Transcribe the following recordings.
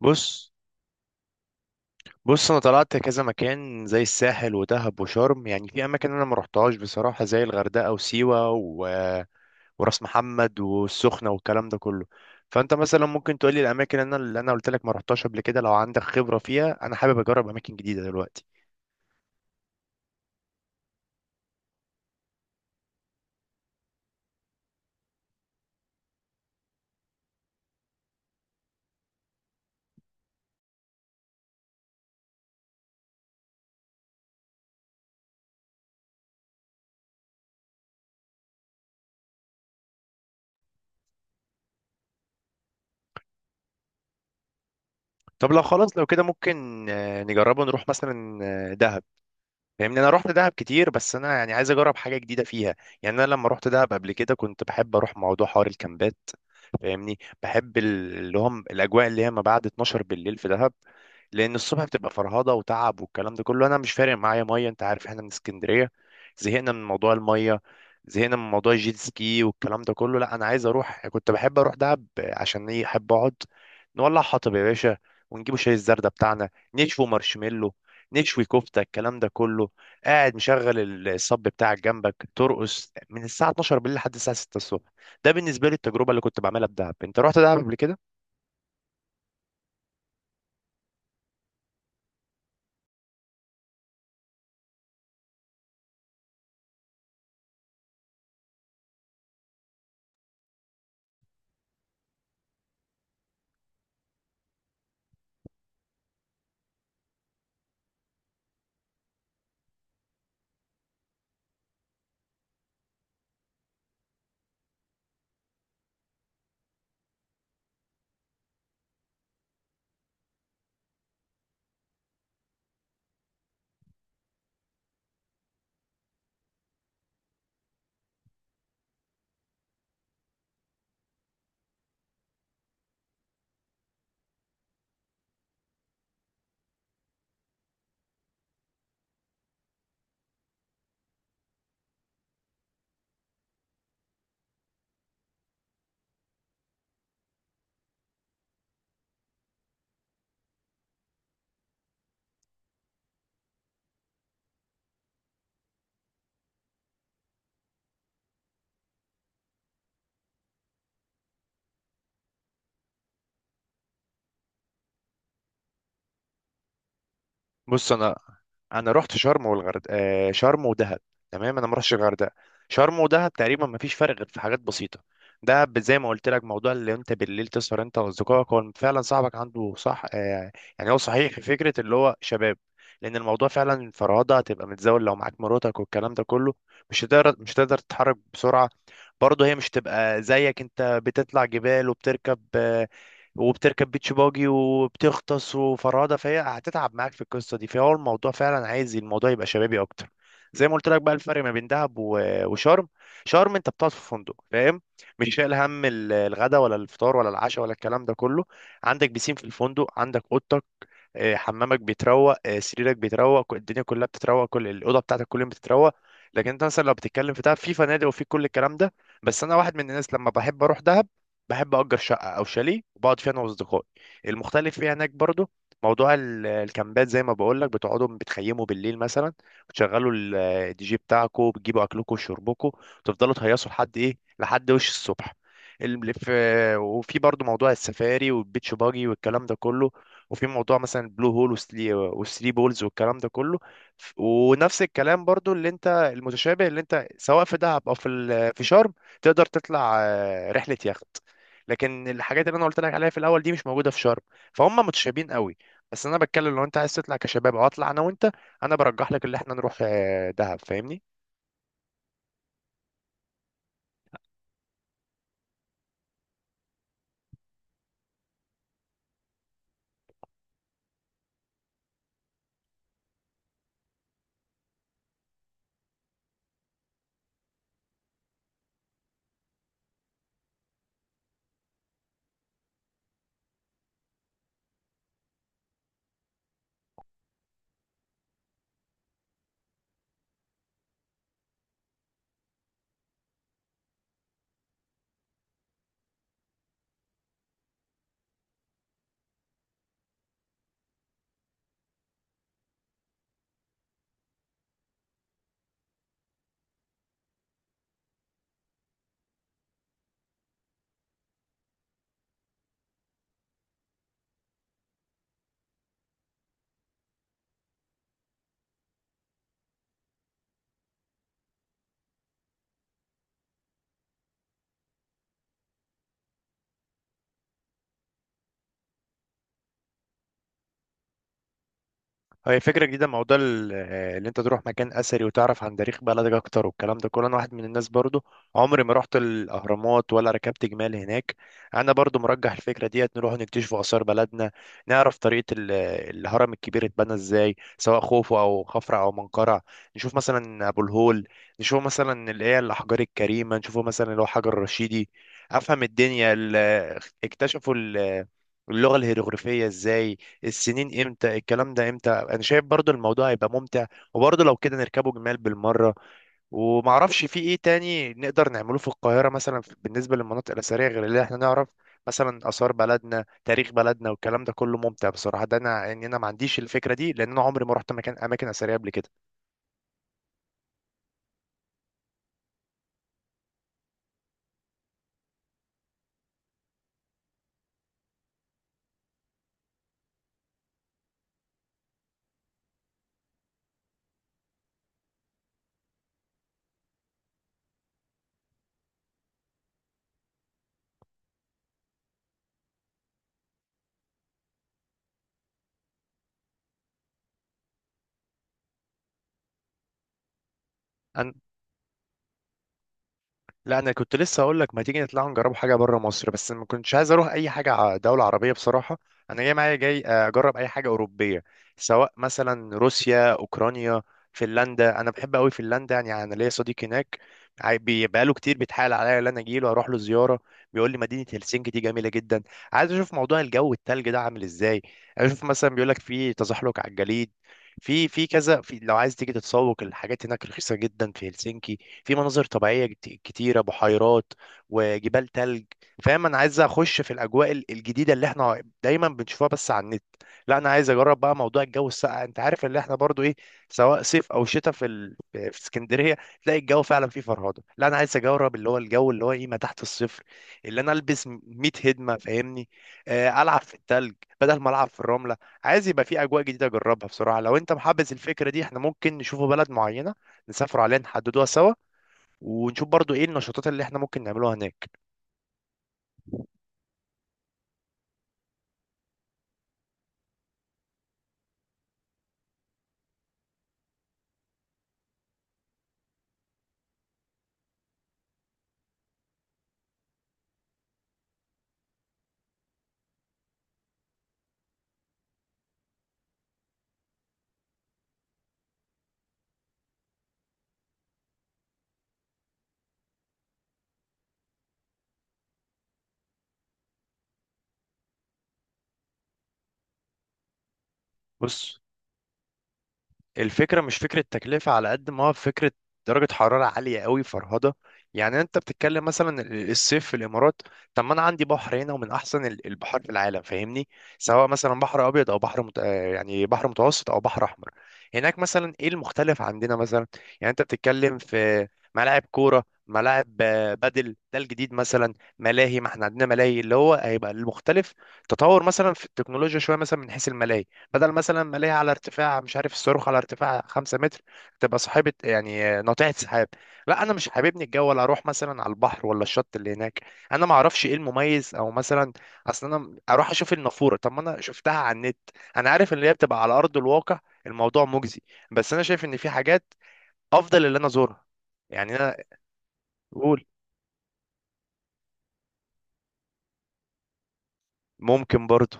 بص بص، انا طلعت كذا مكان زي الساحل ودهب وشرم، يعني في اماكن انا ما رحتهاش بصراحه زي الغردقه وسيوه وراس محمد والسخنه والكلام ده كله. فانت مثلا ممكن تقولي الاماكن اللي انا قلت لك ما رحتهاش قبل كده، لو عندك خبره فيها انا حابب اجرب اماكن جديده دلوقتي. طب لو خلاص لو كده ممكن نجربه، نروح مثلا دهب. فاهمني، انا رحت دهب كتير بس انا يعني عايز اجرب حاجه جديده فيها. يعني انا لما رحت دهب قبل كده كنت بحب اروح موضوع حوار الكامبات. فاهمني، بحب اللي هم الاجواء اللي هي ما بعد 12 بالليل في دهب، لان الصبح بتبقى فرهضه وتعب والكلام ده كله. انا مش فارق معايا ميه، انت عارف احنا من اسكندريه، زهقنا من موضوع الميه، زهقنا من موضوع الجيت سكي والكلام ده كله. لا انا عايز اروح، كنت بحب اروح دهب عشان ايه؟ احب اقعد نولع حطب يا باشا، ونجيبوا شاي الزردة بتاعنا، نشوي مارشميلو، نشوي كفتة، الكلام ده كله. قاعد مشغل الصب بتاعك جنبك، ترقص من الساعه 12 بالليل لحد الساعه 6 الصبح. ده بالنسبه لي التجربه اللي كنت بعملها في دهب. انت رحت دهب قبل كده؟ بص انا، انا رحت شرم والغرد شرم ودهب، تمام. انا ما رحتش الغردقه. شرم ودهب تقريبا ما فيش فرق غير في حاجات بسيطه. دهب زي ما قلت لك، موضوع اللي انت بالليل تسهر انت واصدقائك. هو فعلا صاحبك عنده صح يعني هو صحيح في فكره اللي هو شباب، لان الموضوع فعلا فرهضه، هتبقى متزاول لو معاك مراتك والكلام ده كله. مش هتقدر تتحرك بسرعه، برضه هي مش تبقى زيك، انت بتطلع جبال وبتركب وبتركب بيتش باجي وبتغطس وفرادة، فهي هتتعب معاك في القصة دي. فهو الموضوع فعلا عايز الموضوع يبقى شبابي أكتر. زي ما قلت لك بقى، الفرق ما بين دهب وشرم: شرم أنت بتقعد في فندق، فاهم؟ مش شايل هم الغدا ولا الفطار ولا العشاء ولا الكلام ده كله. عندك بيسين في الفندق، عندك أوضتك، حمامك بيتروق، سريرك بيتروق، الدنيا كلها بتتروق، كل الاوضه بتاعتك كل يوم بتتروق. لكن انت مثلا لو بتتكلم في دهب، في فنادق وفي كل الكلام ده، بس انا واحد من الناس لما بحب اروح دهب بحب اجر شقه او شاليه وبقعد فيها انا واصدقائي. المختلف فيها هناك برضو موضوع الكامبات، زي ما بقول لك بتقعدوا بتخيموا بالليل مثلا، بتشغلوا الدي جي بتاعكم، بتجيبوا اكلكم وشربكم، وتفضلوا تهيصوا لحد ايه، لحد وش الصبح. وفي برضو موضوع السفاري والبيتش باجي والكلام ده كله، وفي موضوع مثلا البلو هول وثري بولز والكلام ده كله. ونفس الكلام برضو اللي انت، المتشابه اللي انت سواء في دهب او في في شرم، تقدر تطلع رحله يخت. لكن الحاجات اللي انا قلت لك عليها في الاول دي مش موجوده في شرم، فهم متشابهين قوي. بس انا بتكلم لو انت عايز تطلع كشباب، او اطلع انا وانت، انا برجح لك اللي احنا نروح دهب، فاهمني. هي فكرة جديدة، موضوع اللي انت تروح مكان اثري وتعرف عن تاريخ بلدك اكتر والكلام ده كله. انا واحد من الناس برضو عمري ما رحت الاهرامات ولا ركبت جمال هناك. انا برضو مرجح الفكرة ديت، نروح نكتشف اثار بلدنا، نعرف طريقة الهرم الكبير اتبنى ازاي، سواء خوفو او خفرع او منقرع. نشوف مثلا ابو الهول، نشوف مثلا اللي هي الاحجار الكريمة، نشوفه مثلا اللي هو حجر الرشيدي. افهم الدنيا اكتشفوا اللغة الهيروغليفية ازاي، السنين امتى، الكلام ده امتى. انا شايف برضو الموضوع هيبقى ممتع، وبرضو لو كده نركبه جمال بالمره. ومعرفش في ايه تاني نقدر نعمله في القاهره مثلا بالنسبه للمناطق الاثريه غير اللي احنا نعرف، مثلا اثار بلدنا، تاريخ بلدنا والكلام ده كله. ممتع بصراحه ده، انا يعني انا ما عنديش الفكره دي، لان انا عمري ما رحت مكان اماكن اثريه قبل كده. أنا- لا انا كنت لسه هقول لك، ما تيجي نطلع نجرب حاجه بره مصر، بس ما كنتش عايز اروح اي حاجه دوله عربيه بصراحه. انا جاي معايا جاي اجرب اي حاجه اوروبيه، سواء مثلا روسيا، اوكرانيا، فنلندا. انا بحب قوي فنلندا، يعني انا ليا صديق هناك، بقاله كتير بيتحايل عليا ان انا اجي له، اروح له زياره. بيقول لي مدينه هلسنكي دي جميله جدا. عايز اشوف موضوع الجو التلج ده عامل ازاي، عايز اشوف مثلا بيقول لك في تزحلق على الجليد، في في كذا، في لو عايز تيجي تتسوق الحاجات هناك رخيصه جدا في هلسنكي، في مناظر طبيعيه كتيره، بحيرات وجبال تلج. فاهم، انا عايز اخش في الاجواء الجديده اللي احنا دايما بنشوفها بس على النت. لا انا عايز اجرب بقى موضوع الجو الساقع، انت عارف اللي احنا برضو ايه، سواء صيف او شتاء في اسكندريه تلاقي الجو فعلا فيه فرهده. لا انا عايز اجرب اللي هو الجو اللي هو ايه، ما تحت الصفر، اللي انا البس 100 هدمه، فاهمني. العب في التلج بدل ما العب في الرمله. عايز يبقى في اجواء جديده اجربها بصراحه. لو انت محبذ الفكره دي احنا ممكن نشوفوا بلد معينه، نسافر عليها، نحددوها سوا، ونشوف برضو ايه النشاطات اللي احنا ممكن نعملوها هناك. بص، الفكرة مش فكرة تكلفة على قد ما هو فكرة درجة حرارة عالية قوي، فرهضة. يعني انت بتتكلم مثلا الصيف في الامارات، طب ما انا عندي بحر هنا ومن احسن البحار في العالم، فاهمني. سواء مثلا بحر ابيض او بحر مت... آه، يعني بحر متوسط او بحر احمر. هناك مثلا ايه المختلف عندنا مثلا؟ يعني انت بتتكلم في ملاعب كورة، ملاعب بدل ده الجديد مثلا ملاهي، ما احنا عندنا ملاهي، اللي هو هيبقى المختلف تطور مثلا في التكنولوجيا شوية مثلا من حيث الملاهي. بدل مثلا ما ليها على ارتفاع، مش عارف، الصاروخ على ارتفاع 5 متر، تبقى صاحبة يعني ناطحة سحاب. لا انا مش حاببني الجو ولا اروح مثلا على البحر ولا الشط اللي هناك، انا ما اعرفش ايه المميز، او مثلا اصلا انا اروح اشوف النافورة؟ طب ما انا شفتها على النت، انا عارف ان هي بتبقى على ارض الواقع، الموضوع مجزي، بس انا شايف ان في حاجات افضل اللي انا ازورها. يعني انا، قول. ممكن برضو.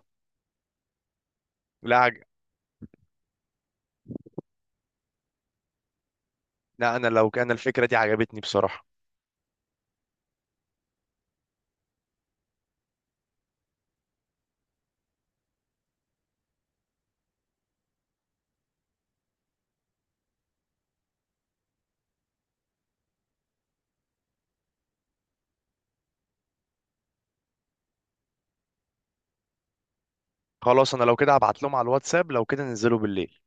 لا عج... لا انا لو كان الفكرة دي عجبتني بصراحة. خلاص انا لو كده هبعت لهم على الواتساب، لو كده ننزلوا بالليل.